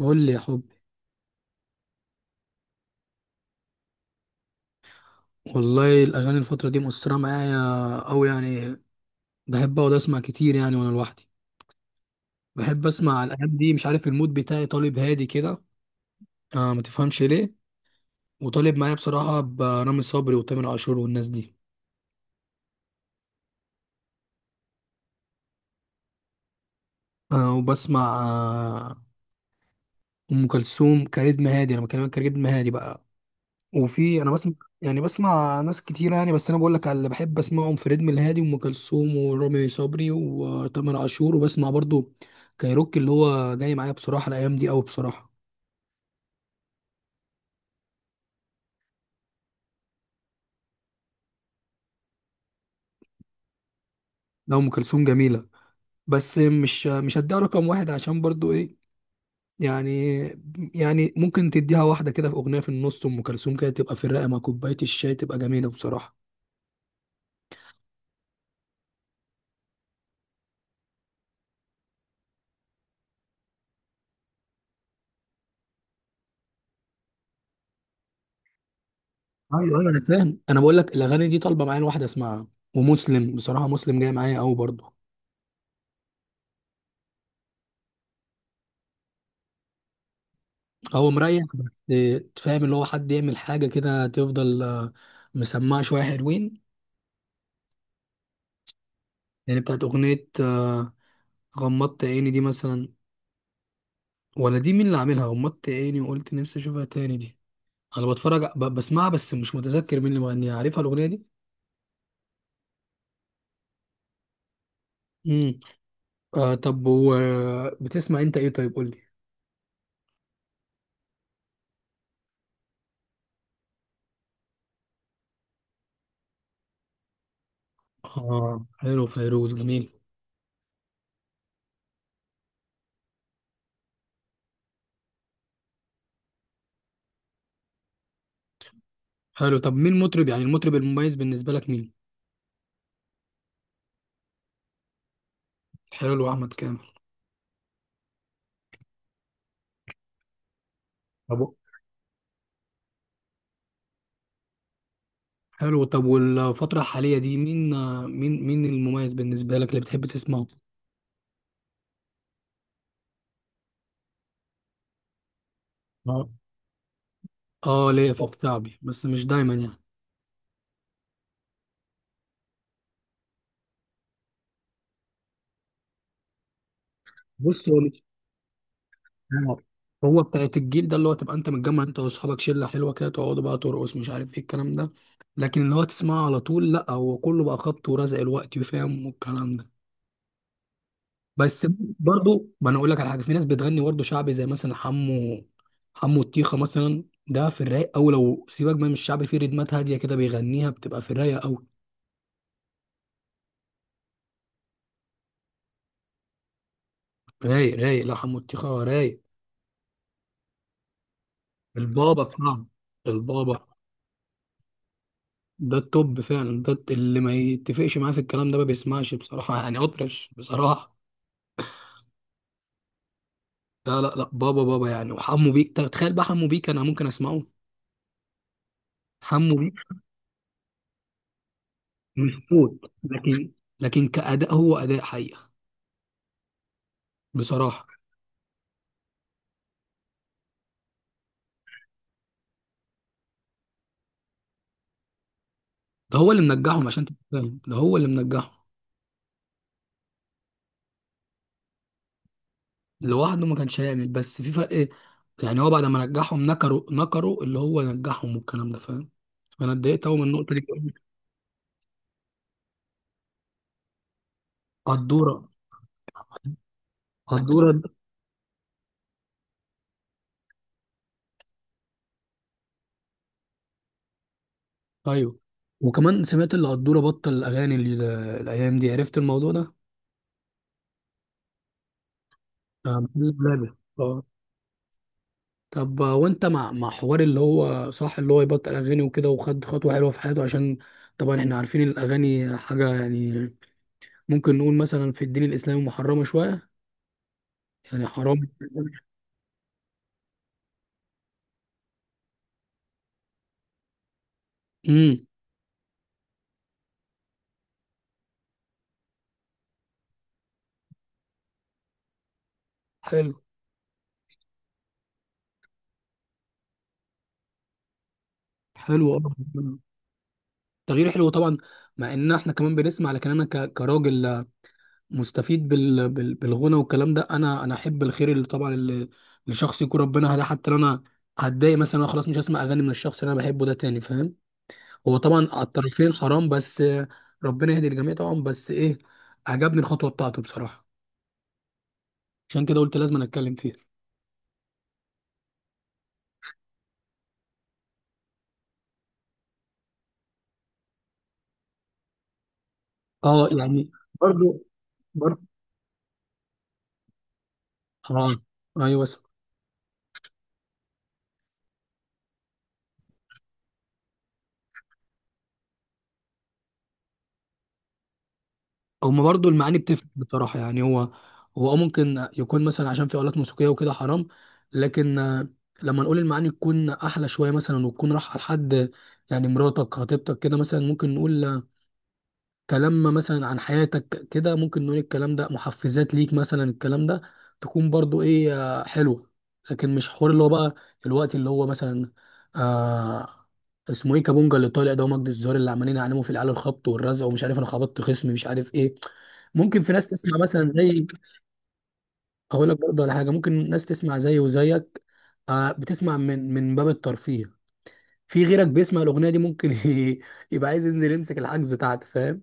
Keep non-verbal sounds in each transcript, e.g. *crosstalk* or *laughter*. قول لي يا حبي. والله الاغاني الفتره دي مؤثره معايا أوي يعني. بحب اقعد اسمع كتير يعني وانا لوحدي. بحب اسمع الايام دي، مش عارف المود بتاعي طالب هادي كده. آه، ما تفهمش ليه. وطالب معايا بصراحه برامي صبري وتامر عاشور والناس دي. وبسمع ام كلثوم. كريتم هادي، انا بكلمك كريتم هادي بقى. وفي انا بسمع، يعني بسمع ناس كتير يعني، بس انا بقول لك على اللي بحب اسمعهم: فريد من الهادي، وام كلثوم، ورامي صبري، وتامر عاشور. وبسمع برضو كايروكي اللي هو جاي معايا بصراحه الايام دي قوي بصراحه. لا، ام كلثوم جميله، بس مش هديها رقم واحد، عشان برضو ايه، يعني ممكن تديها واحده كده في اغنيه، في النص ام كلثوم كده تبقى في الرقه مع كوبايه الشاي تبقى جميله بصراحه. ايوه ايوه، انا فاهم، انا بقول لك الاغاني دي طالبه معايا الواحده اسمعها. ومسلم بصراحه، مسلم جاي معايا قوي برضو. هو مريح بس. تفهم اللي هو حد يعمل حاجة كده تفضل، مسمعة شوية حلوين. يعني بتاعت أغنية، غمضت عيني دي مثلا. ولا دي مين اللي عاملها؟ غمضت عيني وقلت نفسي أشوفها تاني دي. أنا بتفرج بسمعها، بس مش متذكر مين اللي مغنيها. عارفها الأغنية دي؟ امم آه، طب بتسمع أنت إيه طيب؟ قول لي. آه، حلو، فيروز جميل. حلو، طب مين مطرب يعني المطرب المميز بالنسبة لك مين؟ حلو، أحمد كامل. طب حلو، طب والفترة الحالية دي مين، مين المميز بالنسبة لك اللي بتحب تسمعه؟ آه. اه، ليا في الشعبي بس مش دايما يعني. بص هو مش آه. هو بتاعت الجيل ده، اللي هو تبقى انت متجمع انت واصحابك شلة حلوة كده، تقعدوا بقى ترقص، مش عارف ايه الكلام ده. لكن اللي هو تسمعه على طول، لا هو كله بقى خبط ورزق الوقت وفاهم والكلام ده. بس برضو، ما انا اقول لك على حاجة، في ناس بتغني برضو شعبي زي مثلا حمو، حمو الطيخة مثلا ده في الرايق. او لو سيبك بقى من الشعبي في ريتمات هادية كده بيغنيها بتبقى في الرايق. رايق رايق، لا حموتيخة رايق. البابا بتاعنا. البابا ده التوب فعلا، ده اللي ما يتفقش معاه في الكلام ده ما بيسمعش بصراحة، يعني أطرش بصراحة. لا لا لا، بابا بابا يعني، وحمو بيك تخيل بقى، حمو بيك أنا ممكن أسمعه. حمو بيك مش صوت، لكن كأداء، هو أداء حقيقة بصراحة. ده هو اللي منجحهم عشان تبقى فاهم، ده هو اللي منجحهم. لوحده ما كانش هيعمل، بس في فرق يعني. هو بعد ما نجحهم، نكروا اللي هو نجحهم والكلام ده فاهم. فأنا اتضايقت أوي من النقطة دي. قدورة قدورة ايوه. وكمان سمعت اللي قدورة بطل الاغاني الايام دي عرفت الموضوع ده. محمد لابر. آه. طب، وانت مع حوار اللي هو صح اللي هو يبطل اغاني وكده وخد خطوة حلوة في حياته عشان طبعا احنا عارفين الاغاني حاجة يعني ممكن نقول مثلا في الدين الاسلامي محرمة شوية، يعني حرام. امم حلو. حلو، آه. تغيير حلو طبعا. مع ان احنا كمان بنسمع، لكن انا كراجل مستفيد بال... بال... بالغنى والكلام ده. انا احب الخير اللي طبعا اللي لشخص يكون ربنا هداه. حتى لو انا هتضايق مثلا، أنا خلاص مش هسمع اغاني من الشخص اللي انا بحبه ده تاني فاهم. هو طبعا على الطرفين حرام، بس ربنا يهدي الجميع طبعا. بس ايه، عجبني الخطوه بتاعته بصراحه، عشان كده قلت لازم أنا اتكلم فيها. اه، يعني. برضو. برضو اه. ايوه، هما برضو المعاني بتفرق بصراحة، يعني هو، آه ممكن يكون مثلا عشان في آلات موسيقية وكده حرام، لكن، لما نقول المعاني تكون أحلى شوية مثلا، وتكون رايحة لحد، يعني مراتك خطيبتك كده مثلا، ممكن نقول كلام مثلا عن حياتك كده، ممكن نقول الكلام ده محفزات ليك مثلا، الكلام ده تكون برضو ايه، حلوة. لكن مش حوار اللي هو بقى الوقت اللي هو مثلا آه اسمه ايه كابونجا اللي طالع ده، ومجدي الزهر، اللي عمالين يعلموا في العيال الخبط والرزق ومش عارف، انا خبطت خصمي مش عارف ايه. ممكن في ناس تسمع مثلا زي، اقول لك برضه على حاجه، ممكن ناس تسمع زي وزيك آه، بتسمع من باب الترفيه. في غيرك بيسمع الاغنيه دي ممكن *laughs* يبقى عايز ينزل يمسك الحجز بتاعته فاهم.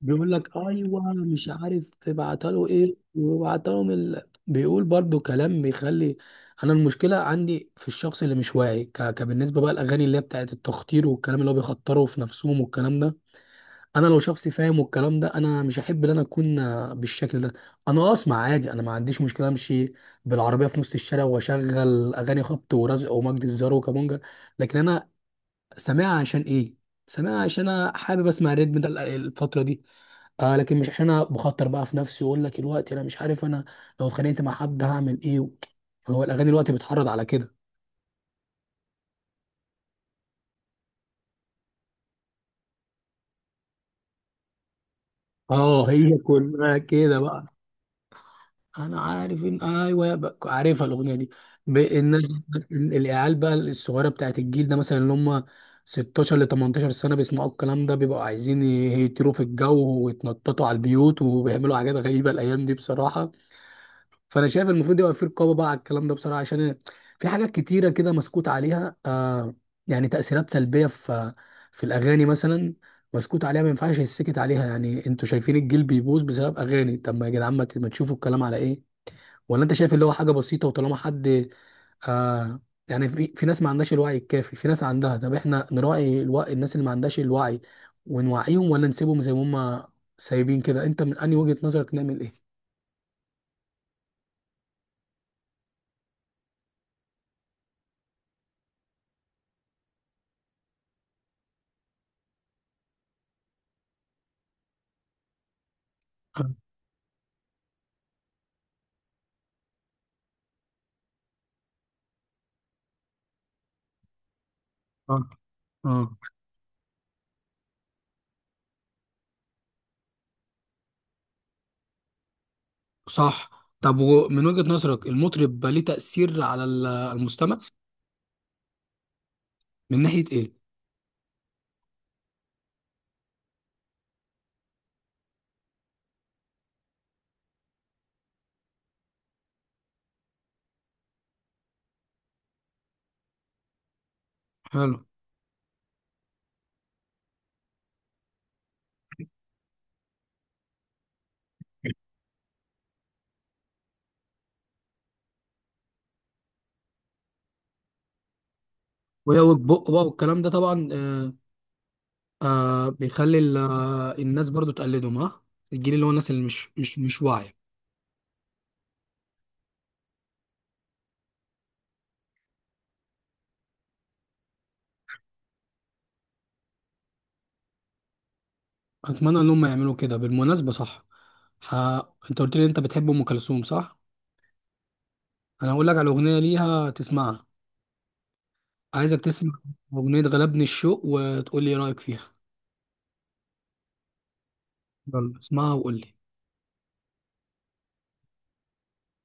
بيقول لك ايوه مش عارف تبعتها له ايه وبعتها لهم ال... بيقول برضو كلام بيخلي. انا المشكله عندي في الشخص اللي مش واعي، ك... كبالنسبه بقى الاغاني اللي هي بتاعت التخطير والكلام اللي هو بيخطروا في نفسهم والكلام ده. انا لو شخص فاهم والكلام ده، انا مش احب ان انا اكون بالشكل ده. انا اسمع عادي، انا ما عنديش مشكله، امشي بالعربيه في نص الشارع واشغل اغاني خبط ورزق ومجد الزار وكابونجا. لكن انا سامعها عشان ايه؟ سامعها عشان انا حابب اسمع الريتم ده الفتره دي. آه، لكن مش عشان انا بخاطر بقى في نفسي واقول لك الوقت، انا مش عارف انا لو اتخانقت مع حد هعمل ايه. هو الاغاني الوقت بتحرض على كده. اه، هي كلها كده بقى. انا عارف، ان ايوه بقى عارفها الاغنيه دي. الناس العيال بقى الصغيره بتاعت الجيل ده مثلا اللي هم 16 ل 18 سنه، بيسمعوا الكلام ده، بيبقوا عايزين يهيتروا في الجو ويتنططوا على البيوت، وبيعملوا حاجات غريبه الايام دي بصراحه. فانا شايف المفروض يبقى في رقابه بقى على الكلام ده بصراحه. عشان في حاجات كتيره كده مسكوت عليها آه، يعني تاثيرات سلبيه في الاغاني مثلا مسكوت عليها، ما ينفعش يسكت عليها. يعني انتوا شايفين الجيل بيبوظ بسبب اغاني، طب ما يا جدعان، ما تشوفوا الكلام على ايه. ولا انت شايف اللي هو حاجه بسيطه؟ وطالما حد آه، يعني في ناس ما عندهاش الوعي الكافي، في ناس عندها، طب احنا نراعي الوعي الناس اللي ما عندهاش الوعي ونوعيهم، ولا نسيبهم زي ما هم سايبين كده؟ انت من انهي وجهة نظرك نعمل ايه؟ اه. اه. صح. طب ومن وجهة نظرك المطرب بقى ليه تأثير على المستمع من ناحية ايه؟ حلو. ويوج بق بقى والكلام ده طبعا آه. آه بيخلي الناس برضو تقلدهم ها، الجيل اللي هو الناس اللي مش واعية. أتمنى إن هم يعملوا كده بالمناسبة صح. ح... أنت قلت لي أنت بتحب أم كلثوم صح؟ أنا هقول لك على أغنية ليها تسمعها. عايزك تسمع أغنية غلبني الشوق، وتقول لي إيه رأيك فيها. يلا اسمعها وقول لي.